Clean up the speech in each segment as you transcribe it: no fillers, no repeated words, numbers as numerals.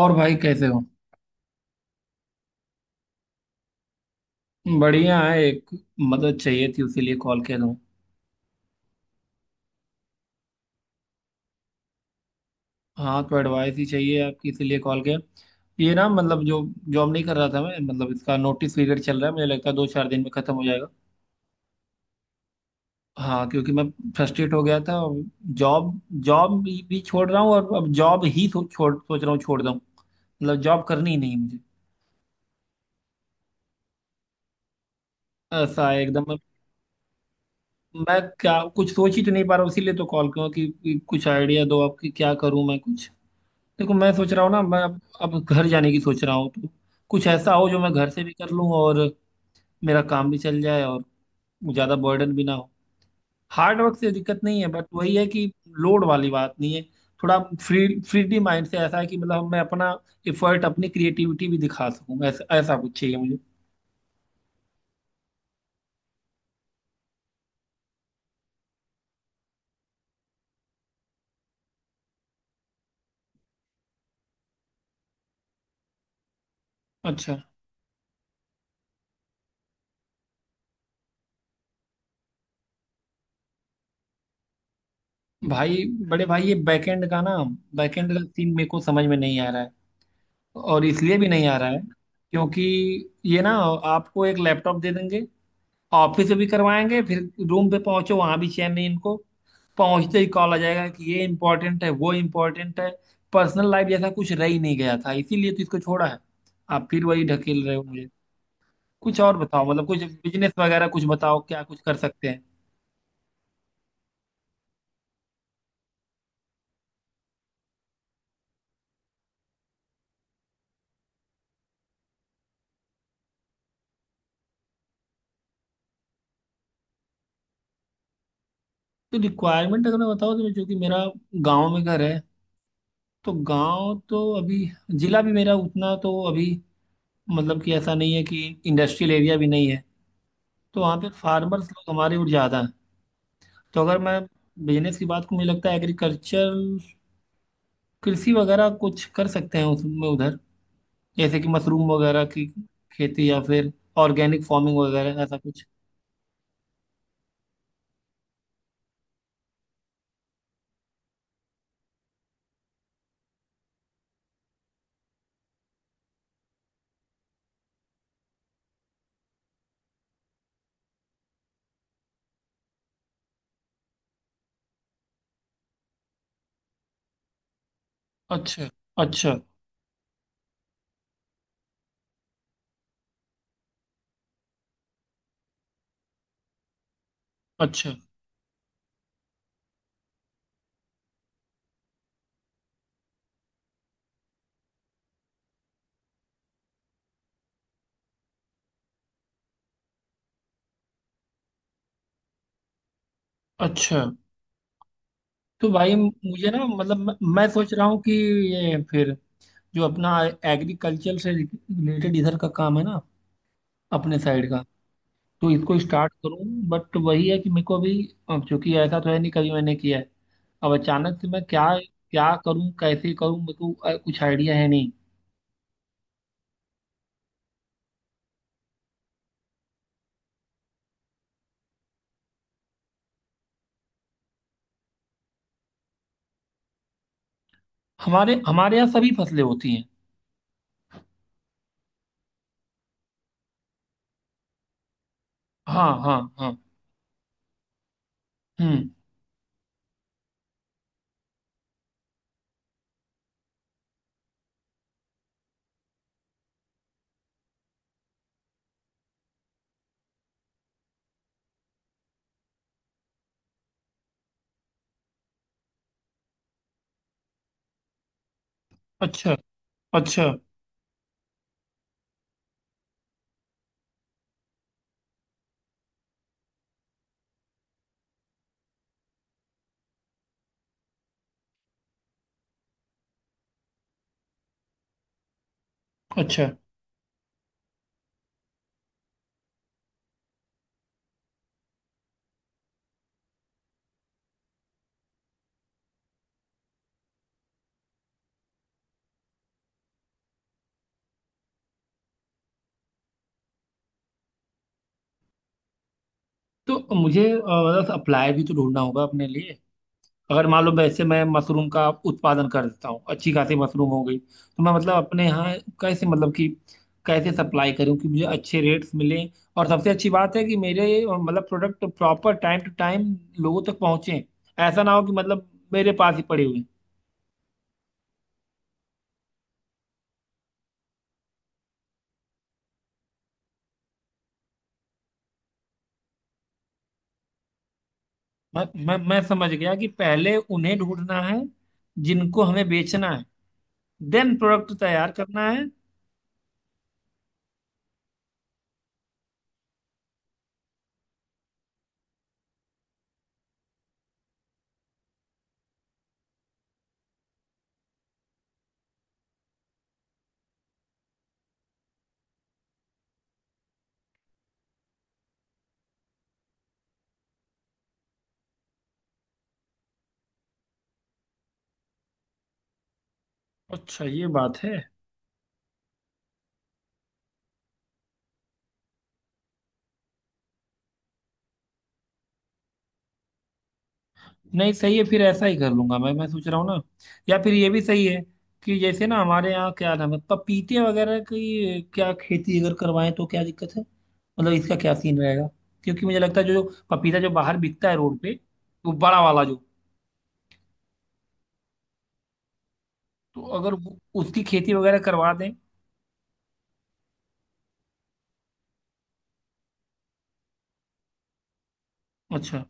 और भाई कैसे हो? बढ़िया है। एक मदद चाहिए थी उसीलिए कॉल किया तुम। हाँ, तो एडवाइस ही चाहिए आपकी, इसीलिए कॉल किया। ये ना, मतलब जो जॉब नहीं कर रहा था मैं, मतलब इसका नोटिस पीरियड चल रहा है, मुझे लगता है दो चार दिन में खत्म हो जाएगा। हाँ, क्योंकि मैं फ्रस्ट्रेट हो गया था। जॉब जॉब भी छोड़ रहा हूँ और अब जॉब ही सो, छोड़ सोच रहा हूँ छोड़ दूँ, मतलब जॉब करनी ही नहीं मुझे। ऐसा है एकदम मैं। क्या कुछ सोच ही तो नहीं पा रहा हूँ, इसीलिए तो कॉल किया कि कुछ आइडिया दो आपकी, क्या करूँ मैं कुछ। देखो, मैं सोच रहा हूँ ना, मैं अब घर जाने की सोच रहा हूँ, तो कुछ ऐसा हो जो मैं घर से भी कर लूँ और मेरा काम भी चल जाए और ज़्यादा बर्डन भी ना हो। हार्ड वर्क से दिक्कत नहीं है, बट वही है कि लोड वाली बात नहीं है। थोड़ा फ्रीडी माइंड से, ऐसा है कि मतलब मैं अपना एफर्ट, अपनी क्रिएटिविटी भी दिखा सकूँ, ऐसा ऐसा कुछ चाहिए मुझे। अच्छा। भाई बड़े भाई, ये बैकएंड का ना, बैकएंड का सीन मेरे को समझ में नहीं आ रहा है, और इसलिए भी नहीं आ रहा है क्योंकि ये ना, आपको एक लैपटॉप दे देंगे, ऑफिस में भी करवाएंगे, फिर रूम पे पहुंचो वहां भी चैन नहीं इनको, पहुंचते ही कॉल आ जाएगा कि ये इम्पोर्टेंट है वो इम्पोर्टेंट है। पर्सनल लाइफ जैसा कुछ रह ही नहीं गया था, इसीलिए तो इसको छोड़ा है। आप फिर वही ढकेल रहे हो मुझे। कुछ और बताओ, मतलब कुछ बिजनेस वगैरह कुछ बताओ, क्या कुछ कर सकते हैं। तो रिक्वायरमेंट अगर मैं बताऊँ, तो चूंकि मेरा गांव में घर है, तो गांव तो अभी, जिला भी मेरा उतना तो अभी, मतलब कि ऐसा नहीं है कि इंडस्ट्रियल एरिया भी नहीं है, तो वहाँ पे फार्मर्स लोग हमारे और ज़्यादा हैं। तो अगर मैं बिजनेस की बात को, मुझे लगता है एग्रीकल्चर, कृषि वगैरह कुछ कर सकते हैं उसमें उधर, जैसे कि मशरूम वगैरह की खेती, या फिर ऑर्गेनिक फार्मिंग वगैरह ऐसा कुछ। अच्छा, अच्छा, अच्छा, अच्छा। तो भाई, मुझे ना, मतलब मैं सोच रहा हूँ कि ये फिर जो अपना एग्रीकल्चर से रिलेटेड इधर का काम है ना, अपने साइड का, तो इसको स्टार्ट करूं। बट वही है कि मेरे को अभी, अब चूंकि ऐसा तो है नहीं कभी मैंने किया है, अब अचानक से मैं क्या क्या करूं, कैसे करूं, मेरे को कुछ आइडिया है नहीं। हमारे हमारे यहाँ सभी फसलें होती हैं। हाँ, हाँ, हाँ। हम्म। अच्छा, अच्छा, अच्छा। तो मुझे अप्लाई भी तो ढूंढना होगा अपने लिए। अगर मान लो वैसे मैं मशरूम का उत्पादन कर देता हूँ, अच्छी खासी मशरूम हो गई, तो मैं मतलब अपने यहाँ कैसे, मतलब कि कैसे सप्लाई करूँ कि मुझे अच्छे रेट्स मिलें, और सबसे अच्छी बात है कि मेरे मतलब product proper time to time लोगों तक पहुँचे, ऐसा ना हो कि मतलब मेरे पास ही पड़े हुए हैं। मैं समझ गया कि पहले उन्हें ढूंढना है जिनको हमें बेचना है, देन प्रोडक्ट तैयार करना है। अच्छा, ये बात है। नहीं, सही है, फिर ऐसा ही कर लूंगा। मैं सोच रहा हूँ ना, या फिर ये भी सही है कि जैसे ना हमारे यहाँ क्या नाम है, पपीते वगैरह की क्या खेती अगर करवाएं तो क्या दिक्कत है, मतलब इसका क्या सीन रहेगा? क्योंकि मुझे लगता है जो जो पपीता जो बाहर बिकता है रोड पे, वो बड़ा वाला जो, तो अगर उसकी खेती वगैरह करवा दें। अच्छा,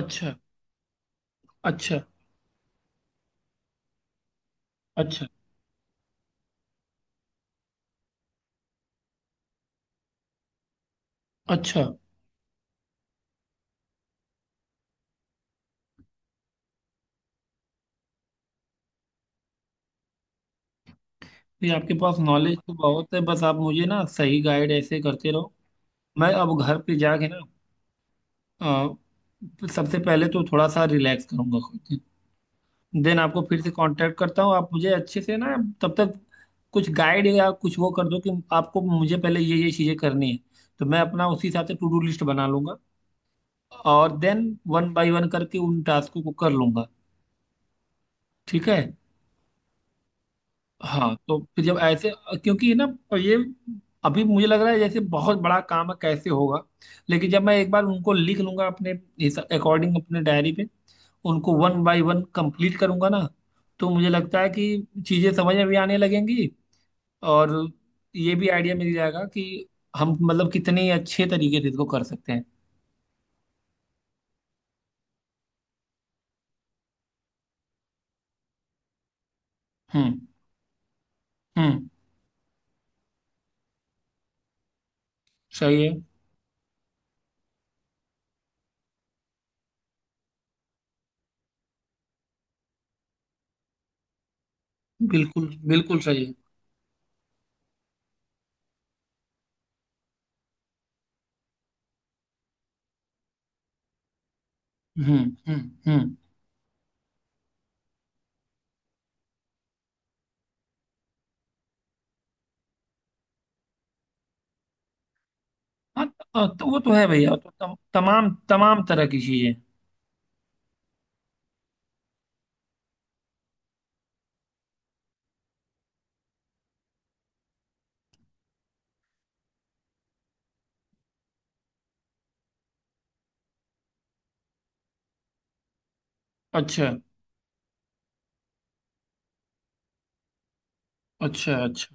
अच्छा, अच्छा, अच्छा, अच्छा। ये आपके पास नॉलेज तो बहुत है, बस आप मुझे ना सही गाइड ऐसे करते रहो। मैं अब घर पे जाके ना, अ, सबसे पहले तो थोड़ा सा रिलैक्स करूंगा खुद को, देन आपको फिर से कांटेक्ट करता हूँ। आप मुझे अच्छे से ना, तब तक कुछ गाइड या कुछ वो कर दो, कि आपको मुझे पहले ये चीज़ें करनी है, तो मैं अपना उसी हिसाब से टू डू लिस्ट बना लूंगा, और देन वन बाय वन करके उन टास्कों को कर लूंगा। ठीक है। हाँ, तो फिर जब ऐसे, क्योंकि ना तो ये अभी मुझे लग रहा है जैसे बहुत बड़ा काम है, कैसे होगा, लेकिन जब मैं एक बार उनको लिख लूंगा अपने, इस अकॉर्डिंग अपने डायरी पे, उनको वन बाय वन कंप्लीट करूंगा ना, तो मुझे लगता है कि चीजें समझ में भी आने लगेंगी, और ये भी आइडिया मिल जाएगा कि हम मतलब कितने अच्छे तरीके से इसको कर सकते हैं। हम्म, हम्म। सही है। बिल्कुल, बिल्कुल सही है। हम्म, हम्म, हम्म। हाँ। तो वो तो है भैया, तो तमाम तमाम तरह की चीजें। अच्छा, अच्छा, अच्छा।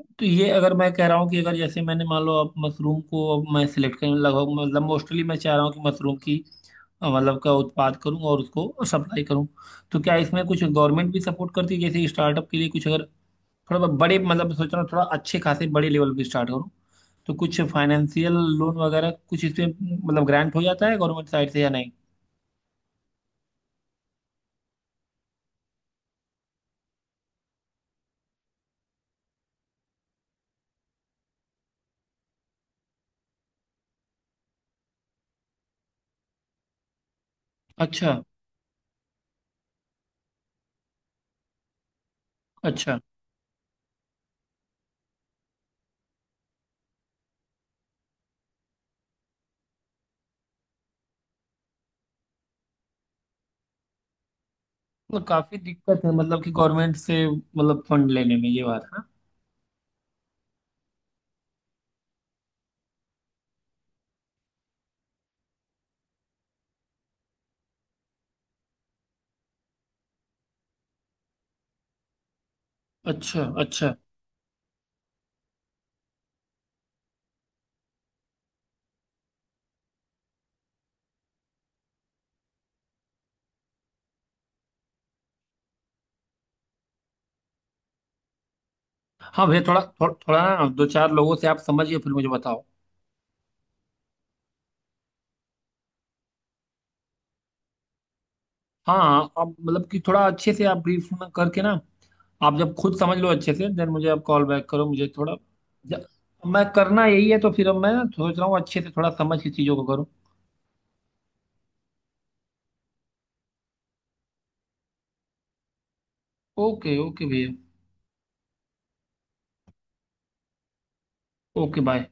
तो ये अगर मैं कह रहा हूँ कि अगर जैसे मैंने मान लो अब मशरूम को, अब मैं सिलेक्ट करूँ, लगभग मतलब मोस्टली मैं चाह रहा हूँ कि मशरूम की मतलब का उत्पाद करूँ और उसको सप्लाई करूँ, तो क्या इसमें कुछ गवर्नमेंट भी सपोर्ट करती है, जैसे स्टार्टअप के लिए कुछ, अगर थोड़ा बड़े मतलब सोच रहा हूँ थोड़ा अच्छे खासे बड़े लेवल पे स्टार्ट करूँ, तो कुछ फाइनेंशियल लोन वगैरह कुछ इसमें, मतलब ग्रांट हो जाता है गवर्नमेंट साइड से या नहीं? अच्छा, अच्छा। मतलब काफी दिक्कत है, मतलब कि गवर्नमेंट से मतलब फंड लेने में, ये बात है ना। अच्छा, अच्छा। हाँ भैया, थोड़ा थोड़ा ना दो चार लोगों से आप समझिए फिर मुझे बताओ। हाँ, आप मतलब कि थोड़ा अच्छे से आप ब्रीफ में करके ना, आप जब खुद समझ लो अच्छे से देन मुझे आप कॉल बैक करो, मुझे थोड़ा ज- मैं करना यही है, तो फिर अब मैं ना सोच रहा हूँ अच्छे से थोड़ा समझ के चीज़ों को करूँ। ओके, ओके भैया। Okay, bye.